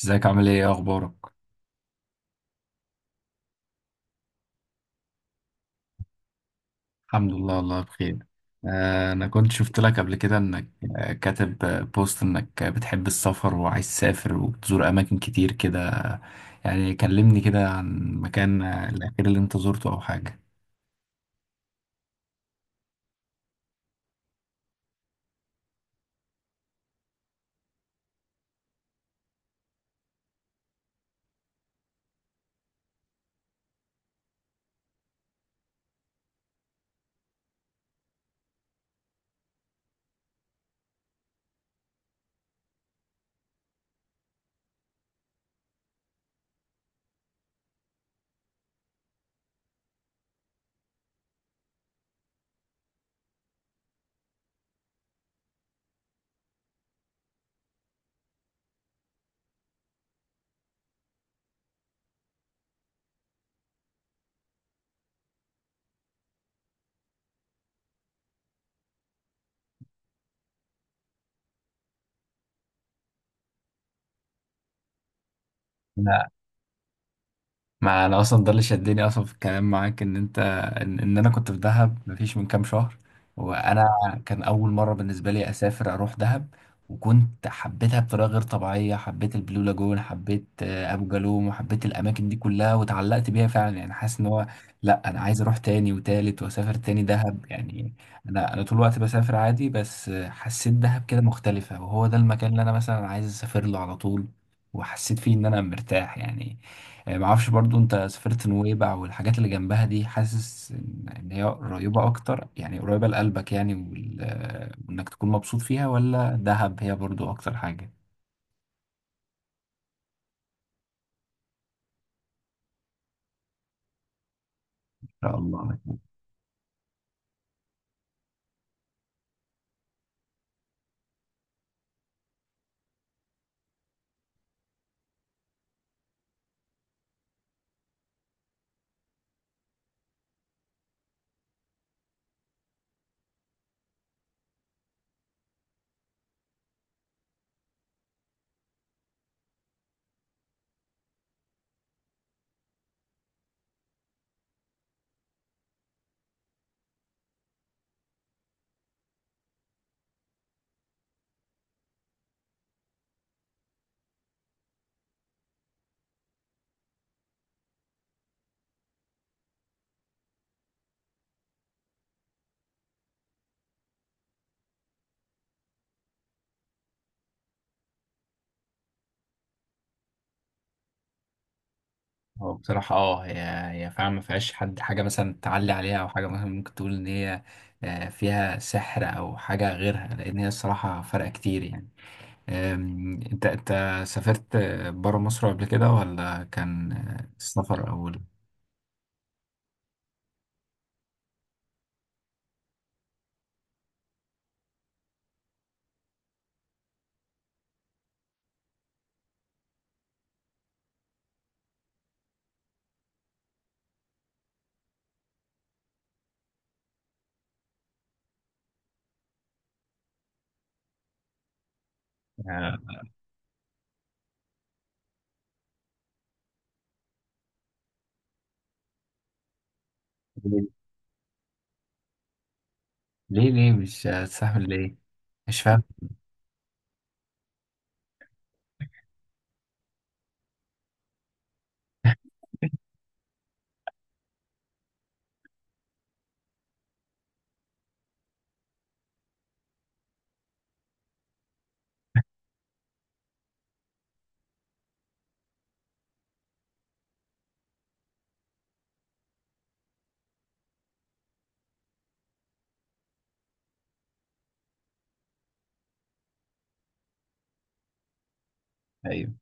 ازيك عامل ايه؟ إيه اخبارك؟ الحمد لله والله بخير. انا كنت شفت لك قبل كده انك كاتب بوست انك بتحب السفر وعايز تسافر وبتزور اماكن كتير كده. يعني كلمني كده عن مكان الاخير اللي انت زرته او حاجة. مع انا اصلا ده اللي شدني اصلا في الكلام معاك ان انت ان انا كنت في دهب مفيش من كام شهر، وانا كان اول مره بالنسبه لي اسافر اروح دهب. وكنت حبيتها بطريقه غير طبيعيه، حبيت البلو لاجون، حبيت ابو جالوم، وحبيت الاماكن دي كلها وتعلقت بيها فعلا. يعني حاسس ان هو لا، انا عايز اروح تاني وتالت واسافر تاني دهب يعني. انا طول الوقت بسافر عادي، بس حسيت دهب كده مختلفه، وهو ده المكان اللي انا مثلا عايز اسافر له على طول، وحسيت فيه ان انا مرتاح يعني. معرفش برضو، انت سافرت نويبع والحاجات اللي جنبها دي؟ حاسس ان إن هي قريبة اكتر، يعني قريبة لقلبك يعني وانك تكون مبسوط فيها، ولا دهب هي برضو اكتر حاجة؟ ان شاء الله. هو بصراحة اه، هي فعلا ما فيهاش حد حاجة مثلا تعلي عليها، أو حاجة مثلا ممكن تقول إن هي فيها سحر أو حاجة غيرها، لأن هي الصراحة فرق كتير يعني. أنت سافرت برا مصر قبل كده، ولا كان السفر أول؟ آه. ليه ليه مش هتستحمل؟ ليه؟ مش فاهم. ايوه.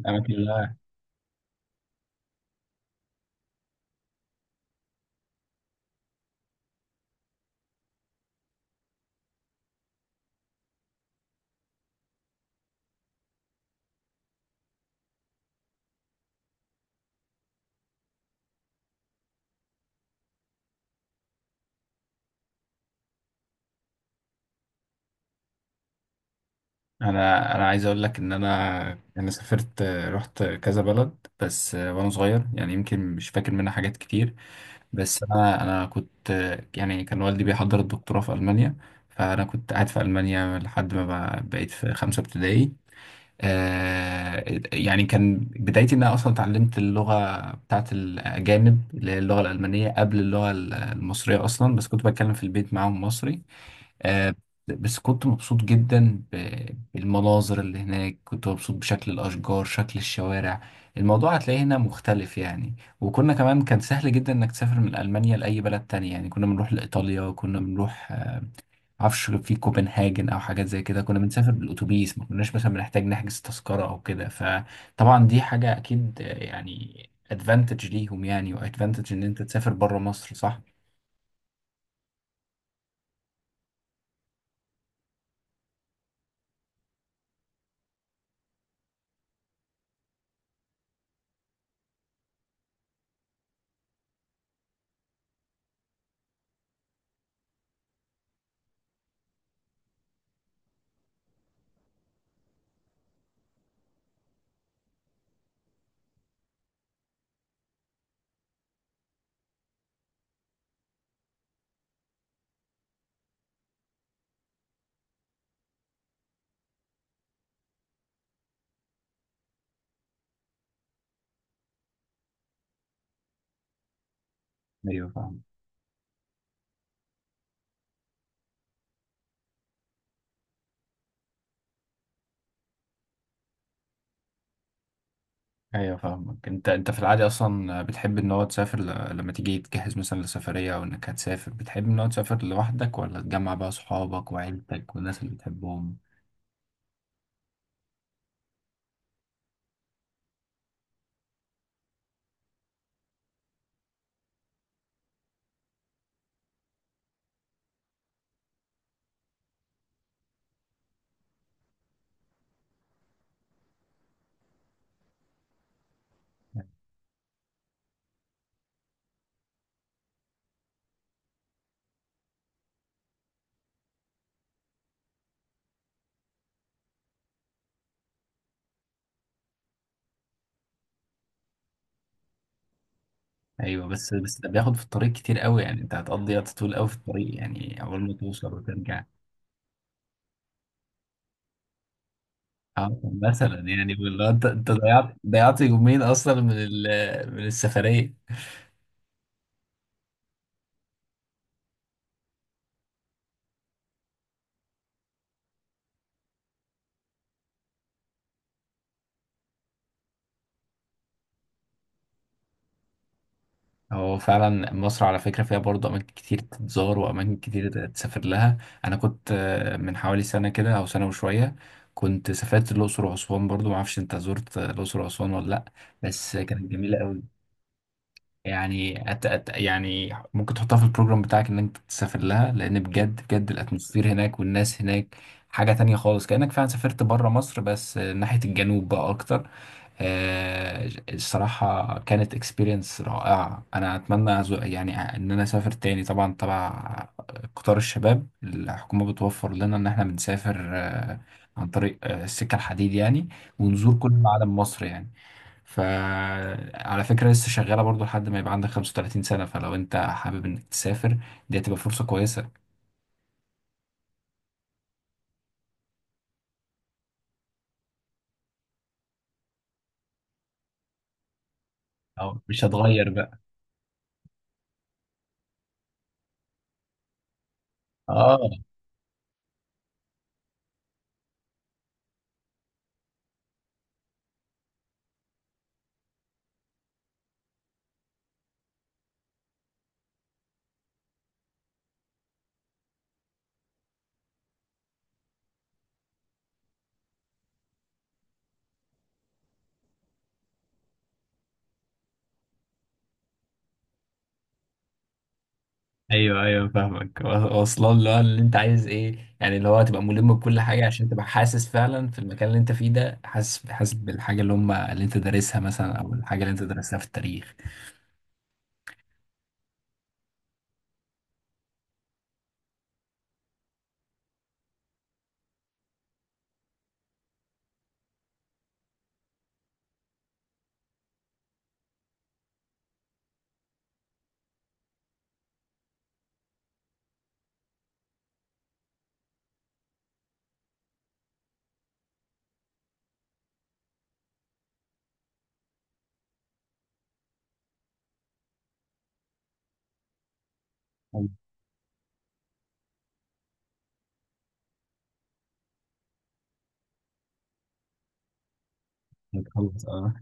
الاماكن اللي أنا- انا عايز اقول لك ان انا انا سافرت، رحت كذا بلد بس وانا صغير، يعني يمكن مش فاكر منها حاجات كتير. بس انا انا كنت يعني كان والدي بيحضر الدكتوراه في المانيا، فانا كنت قاعد في المانيا لحد ما بقيت في خمسة ابتدائي. آه، يعني كان بدايتي ان انا اصلا اتعلمت اللغه بتاعت الاجانب اللي هي اللغه الالمانيه قبل المصريه اصلا، بس كنت بتكلم في البيت معاهم مصري. آه، بس كنت مبسوط جدا بالمناظر اللي هناك، كنت مبسوط بشكل الاشجار، شكل الشوارع. الموضوع هتلاقيه هنا مختلف يعني. وكنا كمان كان سهل جدا انك تسافر من المانيا لاي بلد تاني، يعني كنا بنروح لايطاليا، وكنا بنروح معرفش في كوبنهاجن او حاجات زي كده. كنا بنسافر بالاتوبيس، ما كناش مثلا بنحتاج نحجز تذكره او كده. فطبعا دي حاجه اكيد يعني ادفانتج ليهم، يعني وادفانتج ان انت تسافر بره مصر، صح؟ ايوه فاهم. ايوه فاهمك. انت في العادي اصلا بتحب ان هو تسافر ل... لما تيجي تجهز مثلا لسفريه او انك هتسافر، بتحب ان هو تسافر لوحدك، ولا تجمع بقى صحابك وعيلتك والناس اللي بتحبهم؟ ايوه. بس ده بياخد في الطريق كتير قوي يعني، انت هتقضي وقت طويل قوي في الطريق يعني اول ما توصل وترجع. مثلا يعني والله، انت ضيعت يومين اصلا من من السفريه. هو فعلا مصر على فكره فيها برضه اماكن كتير تتزار واماكن كتير تسافر لها. انا كنت من حوالي سنه كده او سنه وشويه كنت سافرت الاقصر واسوان برضه. ما اعرفش انت زرت الاقصر واسوان ولا لا؟ بس كانت جميله قوي. يعني أت أت يعني ممكن تحطها في البروجرام بتاعك ان انت تسافر لها، لان بجد بجد الاتموسفير هناك والناس هناك حاجة تانية خالص، كأنك فعلا سافرت بره مصر، بس ناحية الجنوب بقى اكتر. الصراحة كانت اكسبيرينس رائعة، انا اتمنى يعني ان انا اسافر تاني. طبعا تبع قطار الشباب، الحكومة بتوفر لنا ان احنا بنسافر عن طريق السكة الحديد يعني، ونزور كل معالم مصر يعني. فعلى فكرة لسه شغالة برضو لحد ما يبقى عندك 35 سنة، فلو انت حابب انك تسافر دي هتبقى فرصة كويسة. أو مش هتغير بقى. اه. ايوه ايوه فاهمك. واصلا اللي هو اللي انت عايز ايه، يعني اللي هو هتبقى ملم بكل حاجة عشان تبقى حاسس فعلا في المكان اللي انت فيه ده، حاسس، حاسس بالحاجة اللي هم اللي انت دارسها مثلا او الحاجة اللي انت درستها في التاريخ. أيوة. هتخلص؟ اه.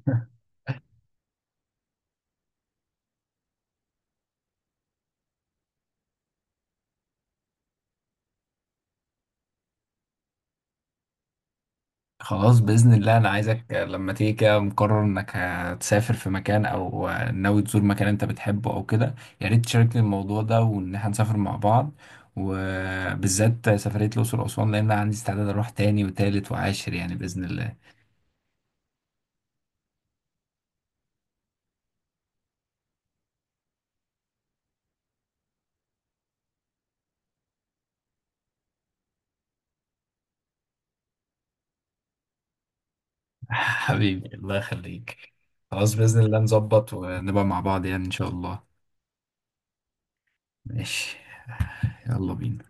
خلاص بإذن الله. أنا عايزك لما تيجي كده مقرر إنك هتسافر في مكان أو ناوي تزور مكان أنت بتحبه أو كده، يا ريت تشاركني الموضوع ده وإن إحنا نسافر مع بعض، وبالذات سفرية الأقصر وأسوان، لأن أنا عندي استعداد أروح تاني وتالت وعاشر يعني، بإذن الله. حبيبي الله يخليك. خلاص بإذن الله نظبط ونبقى مع بعض يعني إن شاء الله. ماشي. يلا بينا.